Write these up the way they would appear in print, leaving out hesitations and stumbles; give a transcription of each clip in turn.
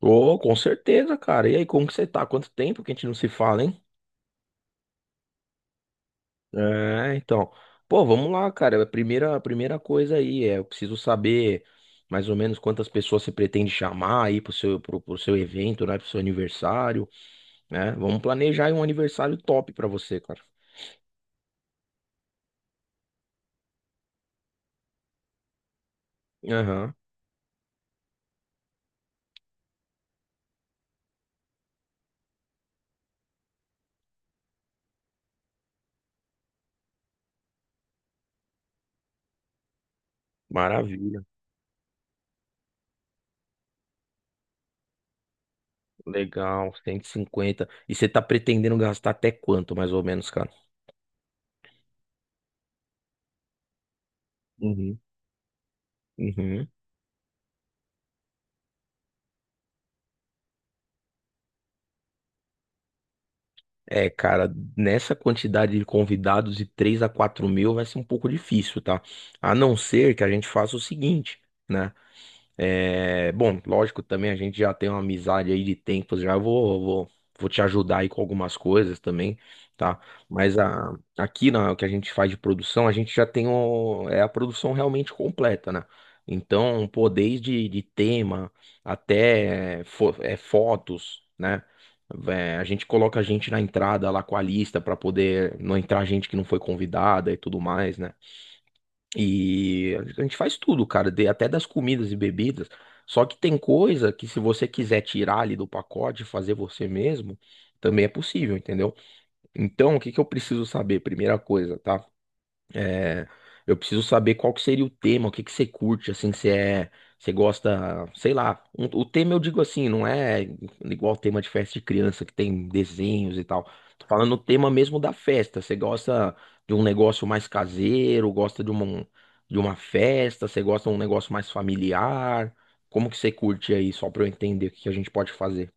Oh, com certeza, cara. E aí, como que você tá? Quanto tempo que a gente não se fala, hein? É, então. Pô, vamos lá, cara. A primeira coisa aí é, eu preciso saber mais ou menos quantas pessoas você pretende chamar aí pro seu evento, né? Pro seu aniversário, né? Vamos planejar aí um aniversário top pra você, cara. Aham. Maravilha. Legal, 150. E cinquenta. E você tá pretendendo gastar até quanto, mais ou menos, cara? Uhum. Uhum. É, cara, nessa quantidade de convidados de 3 a 4 mil vai ser um pouco difícil, tá? A não ser que a gente faça o seguinte, né? É, bom, lógico, também a gente já tem uma amizade aí de tempos, já vou te ajudar aí com algumas coisas também, tá? Mas o que a gente faz de produção, a gente já tem é a produção realmente completa, né? Então, pô, desde de tema até fotos, né? É, a gente coloca a gente na entrada lá com a lista para poder não entrar gente que não foi convidada e tudo mais, né? E a gente faz tudo, cara, até das comidas e bebidas. Só que tem coisa que se você quiser tirar ali do pacote e fazer você mesmo, também é possível, entendeu? Então, o que que eu preciso saber? Primeira coisa, tá? É, eu preciso saber qual que seria o tema, o que que você curte, assim, se é, você gosta, sei lá. O tema eu digo assim, não é igual o tema de festa de criança que tem desenhos e tal. Tô falando o tema mesmo da festa. Você gosta de um negócio mais caseiro, gosta de uma festa, você gosta de um negócio mais familiar? Como que você curte aí, só pra eu entender o que que a gente pode fazer?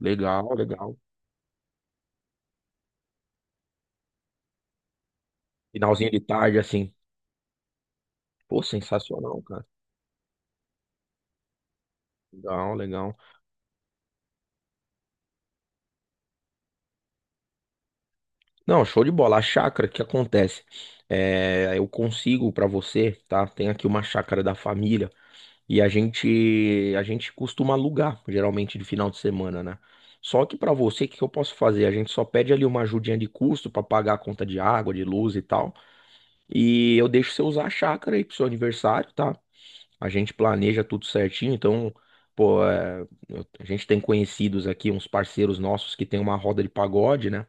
Legal, legal. Finalzinho de tarde, assim. Pô, sensacional, cara. Legal, legal. Não, show de bola. A chácara, o que acontece? É, eu consigo pra você, tá? Tem aqui uma chácara da família e a gente costuma alugar, geralmente de final de semana, né? Só que pra você, o que que eu posso fazer? A gente só pede ali uma ajudinha de custo pra pagar a conta de água, de luz e tal. E eu deixo você usar a chácara aí pro seu aniversário, tá? A gente planeja tudo certinho, então, pô, a gente tem conhecidos aqui, uns parceiros nossos que tem uma roda de pagode, né?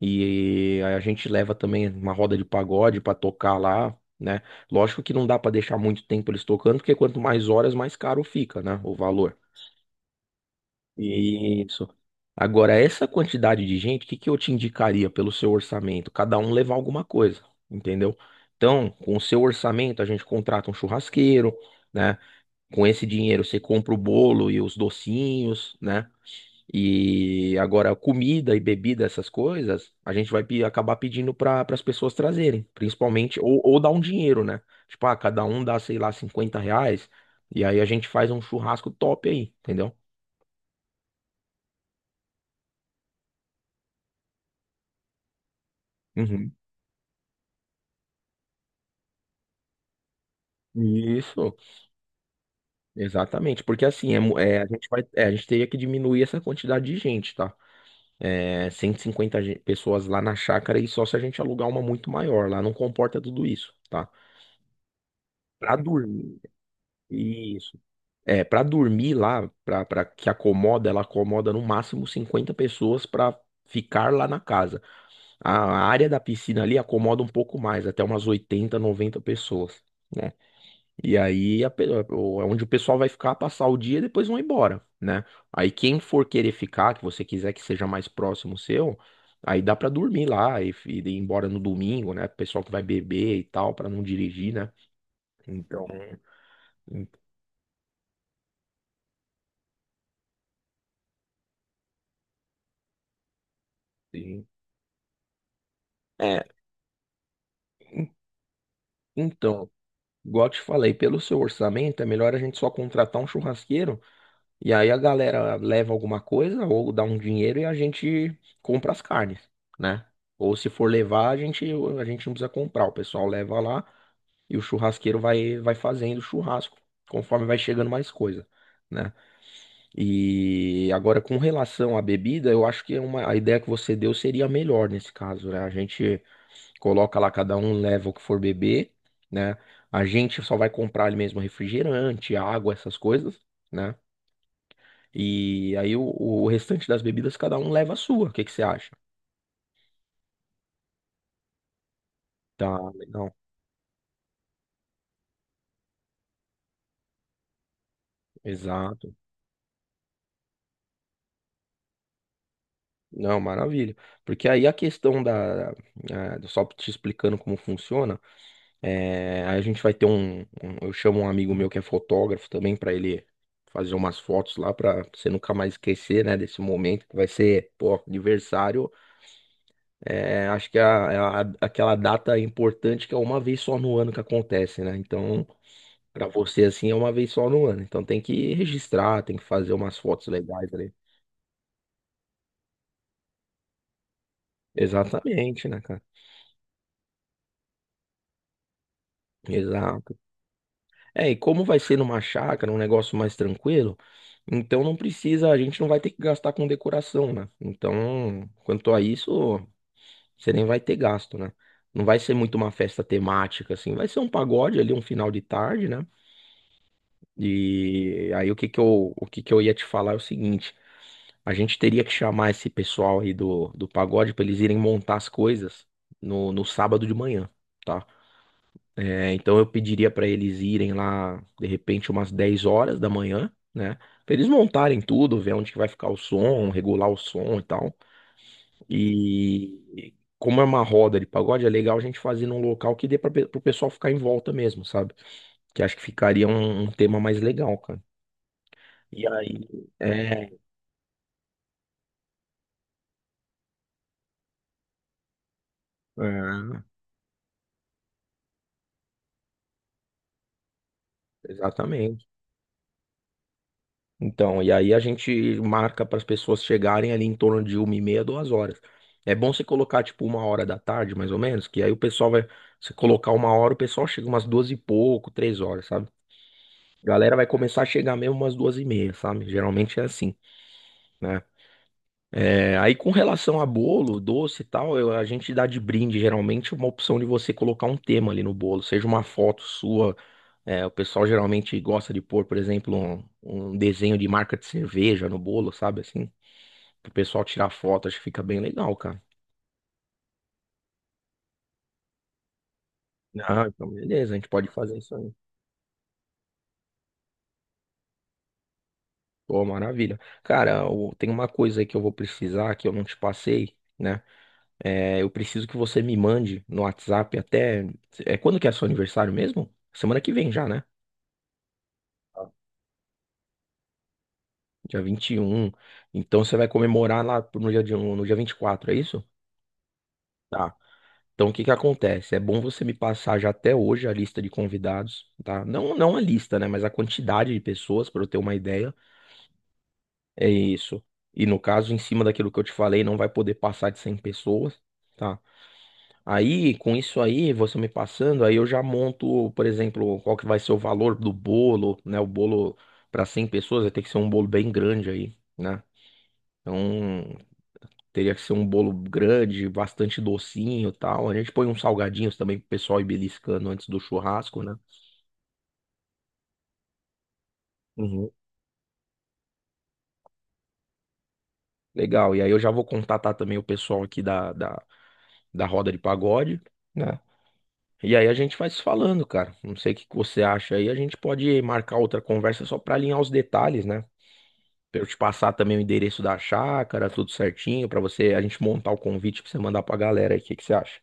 E a gente leva também uma roda de pagode pra tocar lá, né? Lógico que não dá pra deixar muito tempo eles tocando, porque quanto mais horas, mais caro fica, né? O valor. Isso. Agora, essa quantidade de gente, o que que eu te indicaria pelo seu orçamento? Cada um levar alguma coisa, entendeu? Então, com o seu orçamento, a gente contrata um churrasqueiro, né? Com esse dinheiro, você compra o bolo e os docinhos, né? E agora, comida e bebida, essas coisas, a gente vai acabar pedindo para as pessoas trazerem, principalmente, ou dar um dinheiro, né? Tipo, ah, cada um dá, sei lá, R$ 50, e aí a gente faz um churrasco top aí, entendeu? Uhum. Isso, exatamente, porque assim, a gente teria que diminuir essa quantidade de gente, tá? É, 150 pessoas lá na chácara e só se a gente alugar uma muito maior, lá não comporta tudo isso, tá? Pra dormir, isso. Para dormir lá, para pra que acomoda, ela acomoda no máximo 50 pessoas para ficar lá na casa. A área da piscina ali acomoda um pouco mais, até umas 80, 90 pessoas, né? E aí é onde o pessoal vai ficar, passar o dia e depois vão embora, né? Aí quem for querer ficar, que você quiser que seja mais próximo seu, aí dá para dormir lá e ir embora no domingo, né? Pessoal que vai beber e tal, para não dirigir, né? Então, en- en- é, en- então. Igual eu te falei, pelo seu orçamento, é melhor a gente só contratar um churrasqueiro e aí a galera leva alguma coisa ou dá um dinheiro e a gente compra as carnes, né? Ou se for levar, a gente não precisa comprar, o pessoal leva lá e o churrasqueiro vai fazendo churrasco conforme vai chegando mais coisa, né? E agora com relação à bebida, eu acho que a ideia que você deu seria a melhor nesse caso, né? A gente coloca lá, cada um leva o que for beber, né? A gente só vai comprar ali mesmo refrigerante, água, essas coisas, né? E aí o restante das bebidas cada um leva a sua. O que que você acha? Tá, legal. Exato. Não, maravilha. Porque aí a questão da. Só te explicando como funciona. Aí a gente vai ter um, um- Eu chamo um amigo meu que é fotógrafo também para ele fazer umas fotos lá para você nunca mais esquecer, né, desse momento que vai ser, pô, aniversário. Acho que é aquela data importante que é uma vez só no ano que acontece, né? Então, pra você assim é uma vez só no ano. Então tem que registrar, tem que fazer umas fotos legais ali. Exatamente, né, cara? Exato. E como vai ser numa chácara, um negócio mais tranquilo, então não precisa, a gente não vai ter que gastar com decoração, né? Então, quanto a isso, você nem vai ter gasto, né? Não vai ser muito uma festa temática, assim. Vai ser um pagode ali, um final de tarde, né? E aí o que que eu ia te falar é o seguinte, a gente teria que chamar esse pessoal aí do pagode para eles irem montar as coisas no sábado de manhã, tá? Então eu pediria para eles irem lá, de repente, umas 10 horas da manhã, né? Pra eles montarem tudo, ver onde que vai ficar o som, regular o som e tal. E como é uma roda de pagode, é legal a gente fazer num local que dê para o pessoal ficar em volta mesmo, sabe? Que acho que ficaria um tema mais legal, cara. E aí, é, é, exatamente. Então, e aí a gente marca para as pessoas chegarem ali em torno de uma e meia, duas horas. É bom você colocar tipo uma hora da tarde, mais ou menos, que aí o pessoal vai. Se colocar uma hora, o pessoal chega umas duas e pouco, três horas, sabe? A galera vai começar a chegar mesmo umas duas e meia, sabe? Geralmente é assim, né? Aí com relação a bolo, doce e tal, a gente dá de brinde geralmente uma opção de você colocar um tema ali no bolo, seja uma foto sua. O pessoal geralmente gosta de pôr, por exemplo, um desenho de marca de cerveja no bolo, sabe assim? Pro pessoal tirar foto, acho que fica bem legal, cara. Ah, então beleza, a gente pode fazer isso aí. Pô, maravilha. Cara, tem uma coisa aí que eu vou precisar que eu não te passei, né? É, eu preciso que você me mande no WhatsApp até. Quando que é seu aniversário mesmo? Semana que vem já, né? Dia 21. Então você vai comemorar lá no dia 24, é isso? Tá. Então, o que que acontece? É bom você me passar já até hoje a lista de convidados, tá? Não, não a lista, né? Mas a quantidade de pessoas, para eu ter uma ideia. É isso. E no caso, em cima daquilo que eu te falei, não vai poder passar de 100 pessoas, tá? Aí, com isso aí, você me passando, aí eu já monto, por exemplo, qual que vai ser o valor do bolo, né? O bolo para 100 pessoas vai ter que ser um bolo bem grande aí, né? Então, teria que ser um bolo grande, bastante docinho e tal. A gente põe uns salgadinhos também pro pessoal ir beliscando antes do churrasco, né? Uhum. Legal. E aí eu já vou contatar também o pessoal aqui da roda de pagode, né? E aí a gente vai se falando, cara. Não sei o que que você acha aí. A gente pode marcar outra conversa só pra alinhar os detalhes, né? Pra eu te passar também o endereço da chácara, tudo certinho, pra você a gente montar o convite pra você mandar pra galera aí. O que que você acha?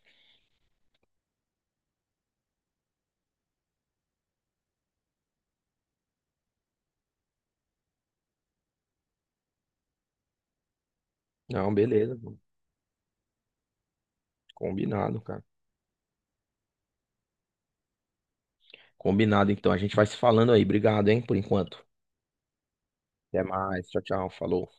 Não, beleza. Mano. Combinado, cara. Combinado, então. A gente vai se falando aí. Obrigado, hein, por enquanto. Até mais. Tchau, tchau. Falou.